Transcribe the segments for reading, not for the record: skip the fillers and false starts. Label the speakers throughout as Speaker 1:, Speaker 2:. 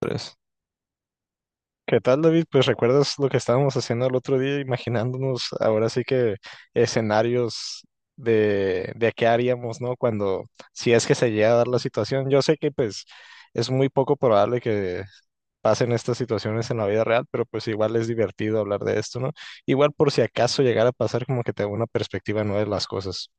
Speaker 1: Tres. ¿Qué tal, David? Pues recuerdas lo que estábamos haciendo el otro día, imaginándonos ahora sí que escenarios de qué haríamos, ¿no? Cuando, si es que se llega a dar la situación. Yo sé que pues es muy poco probable que pasen estas situaciones en la vida real, pero pues igual es divertido hablar de esto, ¿no? Igual por si acaso llegara a pasar como que te da una perspectiva nueva de las cosas.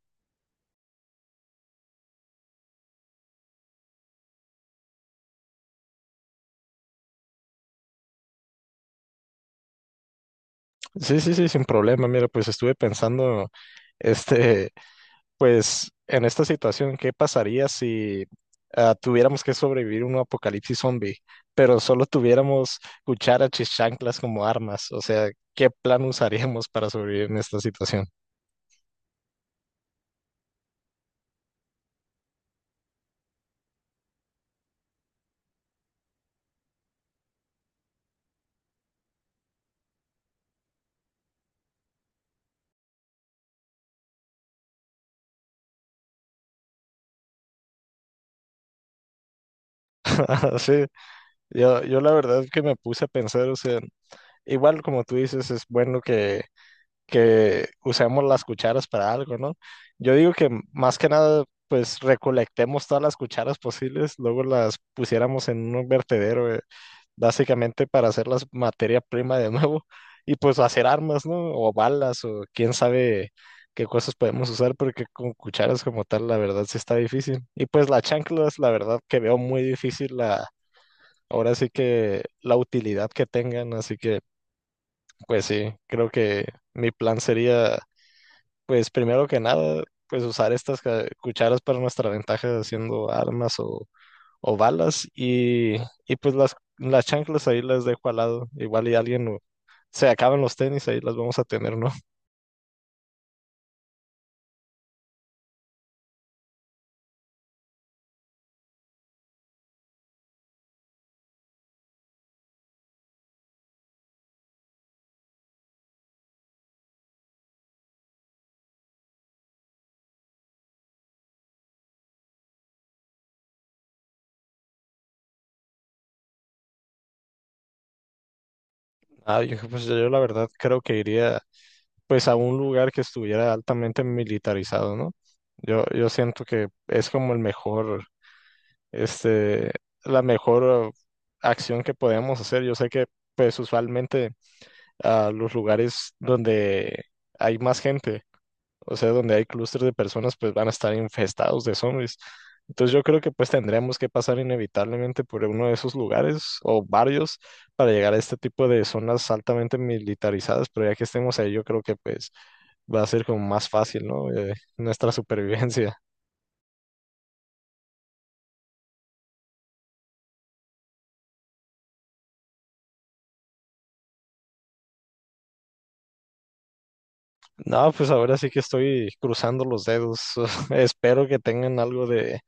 Speaker 1: Sí, sí, sí, sin problema. Mira, pues estuve pensando, este... pues en esta situación, ¿qué pasaría si tuviéramos que sobrevivir un apocalipsis zombie, pero solo tuviéramos cucharas y chanclas como armas? O sea, ¿qué plan usaríamos para sobrevivir en esta situación? Sí, yo la verdad es que me puse a pensar, o sea, igual como tú dices, es bueno que usemos las cucharas para algo, ¿no? Yo digo que más que nada, pues recolectemos todas las cucharas posibles, luego las pusiéramos en un vertedero, básicamente para hacerlas materia prima de nuevo y pues hacer armas, ¿no? O balas o quién sabe qué cosas podemos usar, porque con cucharas como tal, la verdad sí está difícil. Y pues las chanclas, la verdad que veo muy difícil la... Ahora sí que la utilidad que tengan, así que pues sí, creo que mi plan sería pues primero que nada, pues usar estas cucharas para nuestra ventaja haciendo armas o balas y pues las chanclas ahí las dejo al lado. Igual y se acaban los tenis, ahí las vamos a tener, ¿no? Yo, pues yo la verdad creo que iría pues a un lugar que estuviera altamente militarizado, ¿no? Yo siento que es como el mejor, este, la mejor acción que podemos hacer. Yo sé que pues usualmente a los lugares donde hay más gente, o sea, donde hay clústeres de personas, pues van a estar infestados de zombies. Entonces yo creo que pues tendremos que pasar inevitablemente por uno de esos lugares o varios para llegar a este tipo de zonas altamente militarizadas, pero ya que estemos ahí, yo creo que pues va a ser como más fácil, ¿no? Nuestra supervivencia. No, pues ahora sí que estoy cruzando los dedos. Espero que tengan algo de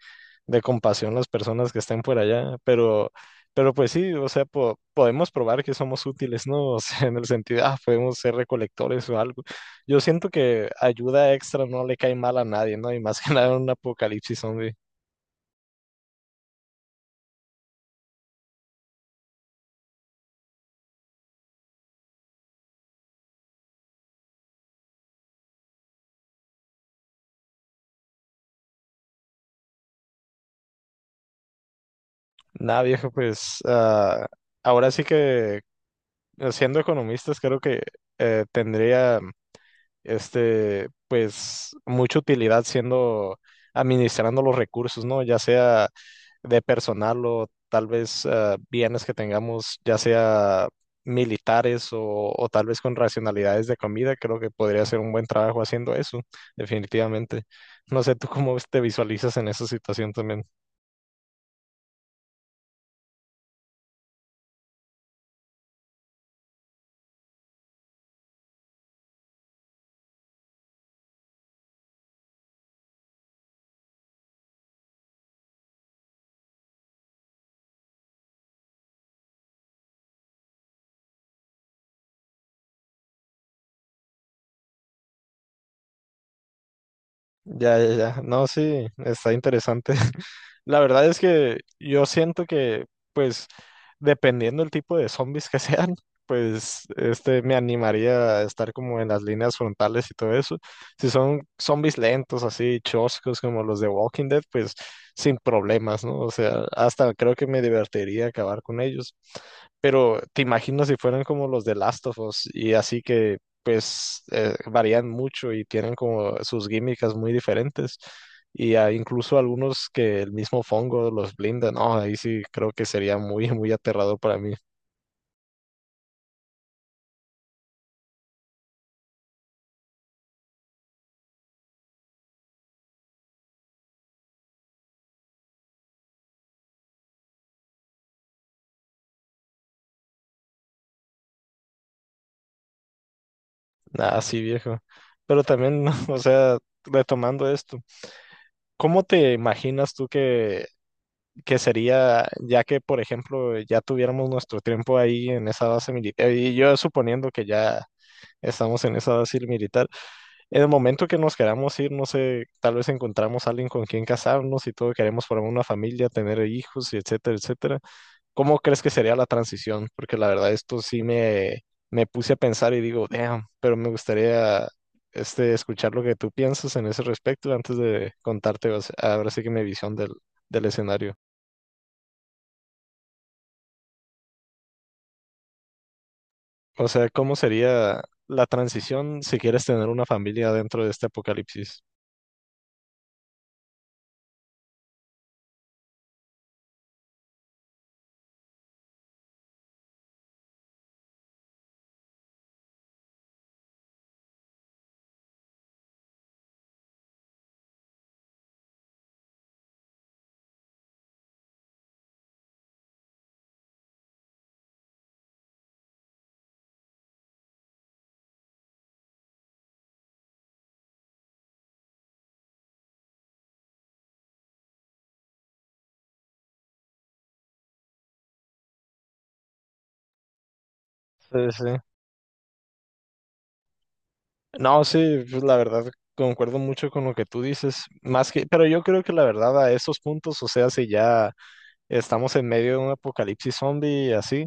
Speaker 1: de compasión las personas que estén por allá, pero pues sí, o sea, podemos probar que somos útiles, ¿no? O sea, en el sentido, podemos ser recolectores o algo. Yo siento que ayuda extra no le cae mal a nadie, ¿no? Y más que nada en un apocalipsis zombie. Nada, viejo, pues ahora sí siendo economistas, creo que tendría... pues mucha utilidad siendo administrando los recursos, ¿no? Ya sea de personal o tal vez bienes que tengamos, ya sea militares o tal vez con racionalidades de comida, creo que podría ser un buen trabajo haciendo eso, definitivamente. No sé, ¿tú cómo te visualizas en esa situación también? Ya, ya, ya. No, sí, está interesante. La verdad es que yo siento que, pues, dependiendo del tipo de zombies que sean, pues, me animaría a estar como en las líneas frontales y todo eso. Si son zombies lentos, así, choscos, como los de Walking Dead, pues, sin problemas, ¿no? O sea, hasta creo que me divertiría acabar con ellos. Pero te imaginas si fueran como los de Last of Us y así que pues varían mucho y tienen como sus químicas muy diferentes. Y hay incluso algunos que el mismo Fongo los blinda, no, ahí sí creo que sería muy, muy aterrador para mí. Nada, sí, viejo. Pero también, o sea, retomando esto, ¿cómo te imaginas tú que sería, ya que, por ejemplo, ya tuviéramos nuestro tiempo ahí en esa base militar, y yo suponiendo que ya estamos en esa base militar? En el momento que nos queramos ir, no sé, tal vez encontramos a alguien con quien casarnos y todo, queremos formar una familia, tener hijos y etcétera, etcétera. ¿Cómo crees que sería la transición? Porque la verdad esto sí me puse a pensar y digo, damn, pero me gustaría escuchar lo que tú piensas en ese respecto antes de contarte o sea, ahora sí que mi visión del escenario. O sea, ¿cómo sería la transición si quieres tener una familia dentro de este apocalipsis? Sí, sí. No, sí, pues la verdad concuerdo mucho con lo que tú dices, más que, pero yo creo que la verdad a esos puntos, o sea, si ya estamos en medio de un apocalipsis zombie y así,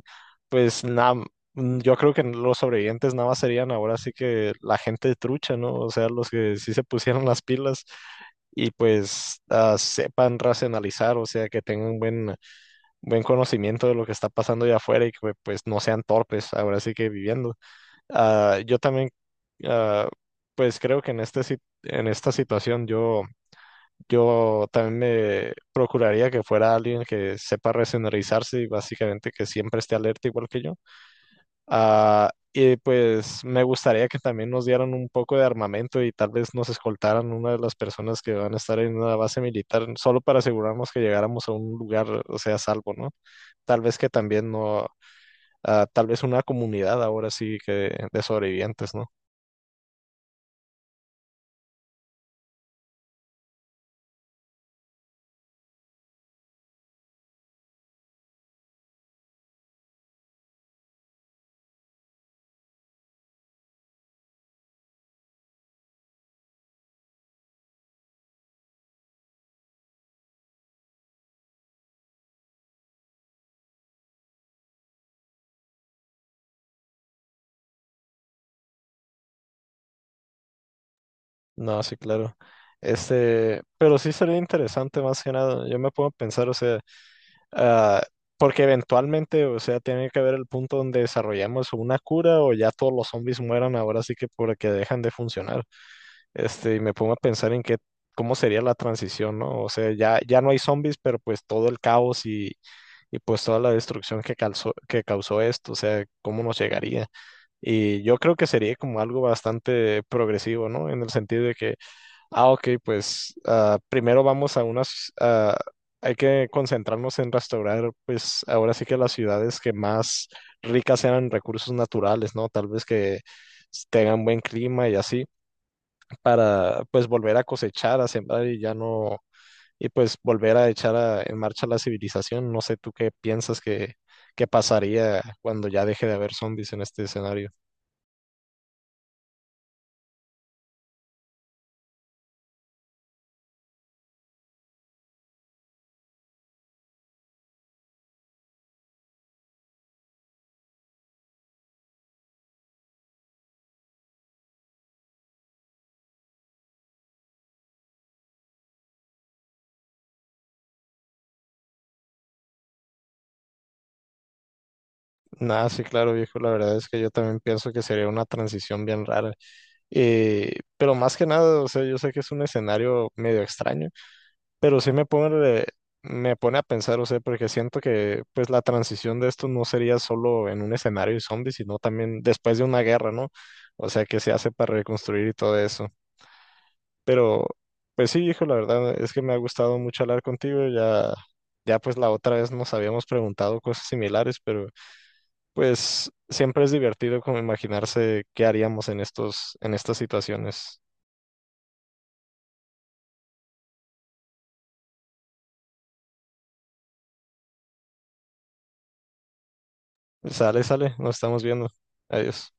Speaker 1: pues nada, yo creo que los sobrevivientes nada más serían ahora sí que la gente trucha, ¿no? O sea, los que sí se pusieron las pilas y pues sepan racionalizar, o sea, que tengan buen conocimiento de lo que está pasando allá afuera y que pues no sean torpes ahora sí que viviendo. Ah, yo también, ah, pues creo que en en esta situación yo también me procuraría que fuera alguien que sepa resenderizarse y básicamente que siempre esté alerta igual que yo. Y pues me gustaría que también nos dieran un poco de armamento y tal vez nos escoltaran una de las personas que van a estar en una base militar solo para asegurarnos que llegáramos a un lugar, o sea, a salvo, ¿no? Tal vez que también no, ah, tal vez una comunidad ahora sí que de sobrevivientes, ¿no? No, sí, claro. Pero sí sería interesante más que nada. Yo me puedo pensar, o sea, ah, porque eventualmente, o sea, tiene que haber el punto donde desarrollamos una cura o ya todos los zombies mueran ahora sí que porque dejan de funcionar. Y me pongo a pensar en qué, cómo sería la transición, ¿no? O sea, ya, ya no hay zombies, pero pues todo el caos y pues toda la destrucción que causó esto, o sea, cómo nos llegaría. Y yo creo que sería como algo bastante progresivo, ¿no? En el sentido de que ok, pues primero vamos a hay que concentrarnos en restaurar, pues ahora sí que las ciudades que más ricas sean en recursos naturales, ¿no? Tal vez que tengan buen clima y así, para pues volver a cosechar, a sembrar y ya no, y pues volver a echar en marcha la civilización. No sé tú qué piensas que pasaría cuando ya deje de haber zombies en este escenario. Nada, sí, claro, viejo, la verdad es que yo también pienso que sería una transición bien rara. Pero más que nada, o sea, yo sé que es un escenario medio extraño, pero sí me pone a pensar, o sea, porque siento que pues la transición de esto no sería solo en un escenario de zombies, sino también después de una guerra, ¿no? O sea, que se hace para reconstruir y todo eso. Pero, pues sí, hijo, la verdad es que me ha gustado mucho hablar contigo, ya pues la otra vez nos habíamos preguntado cosas similares, pero pues siempre es divertido como imaginarse qué haríamos en en estas situaciones. Sale, sale, nos estamos viendo. Adiós.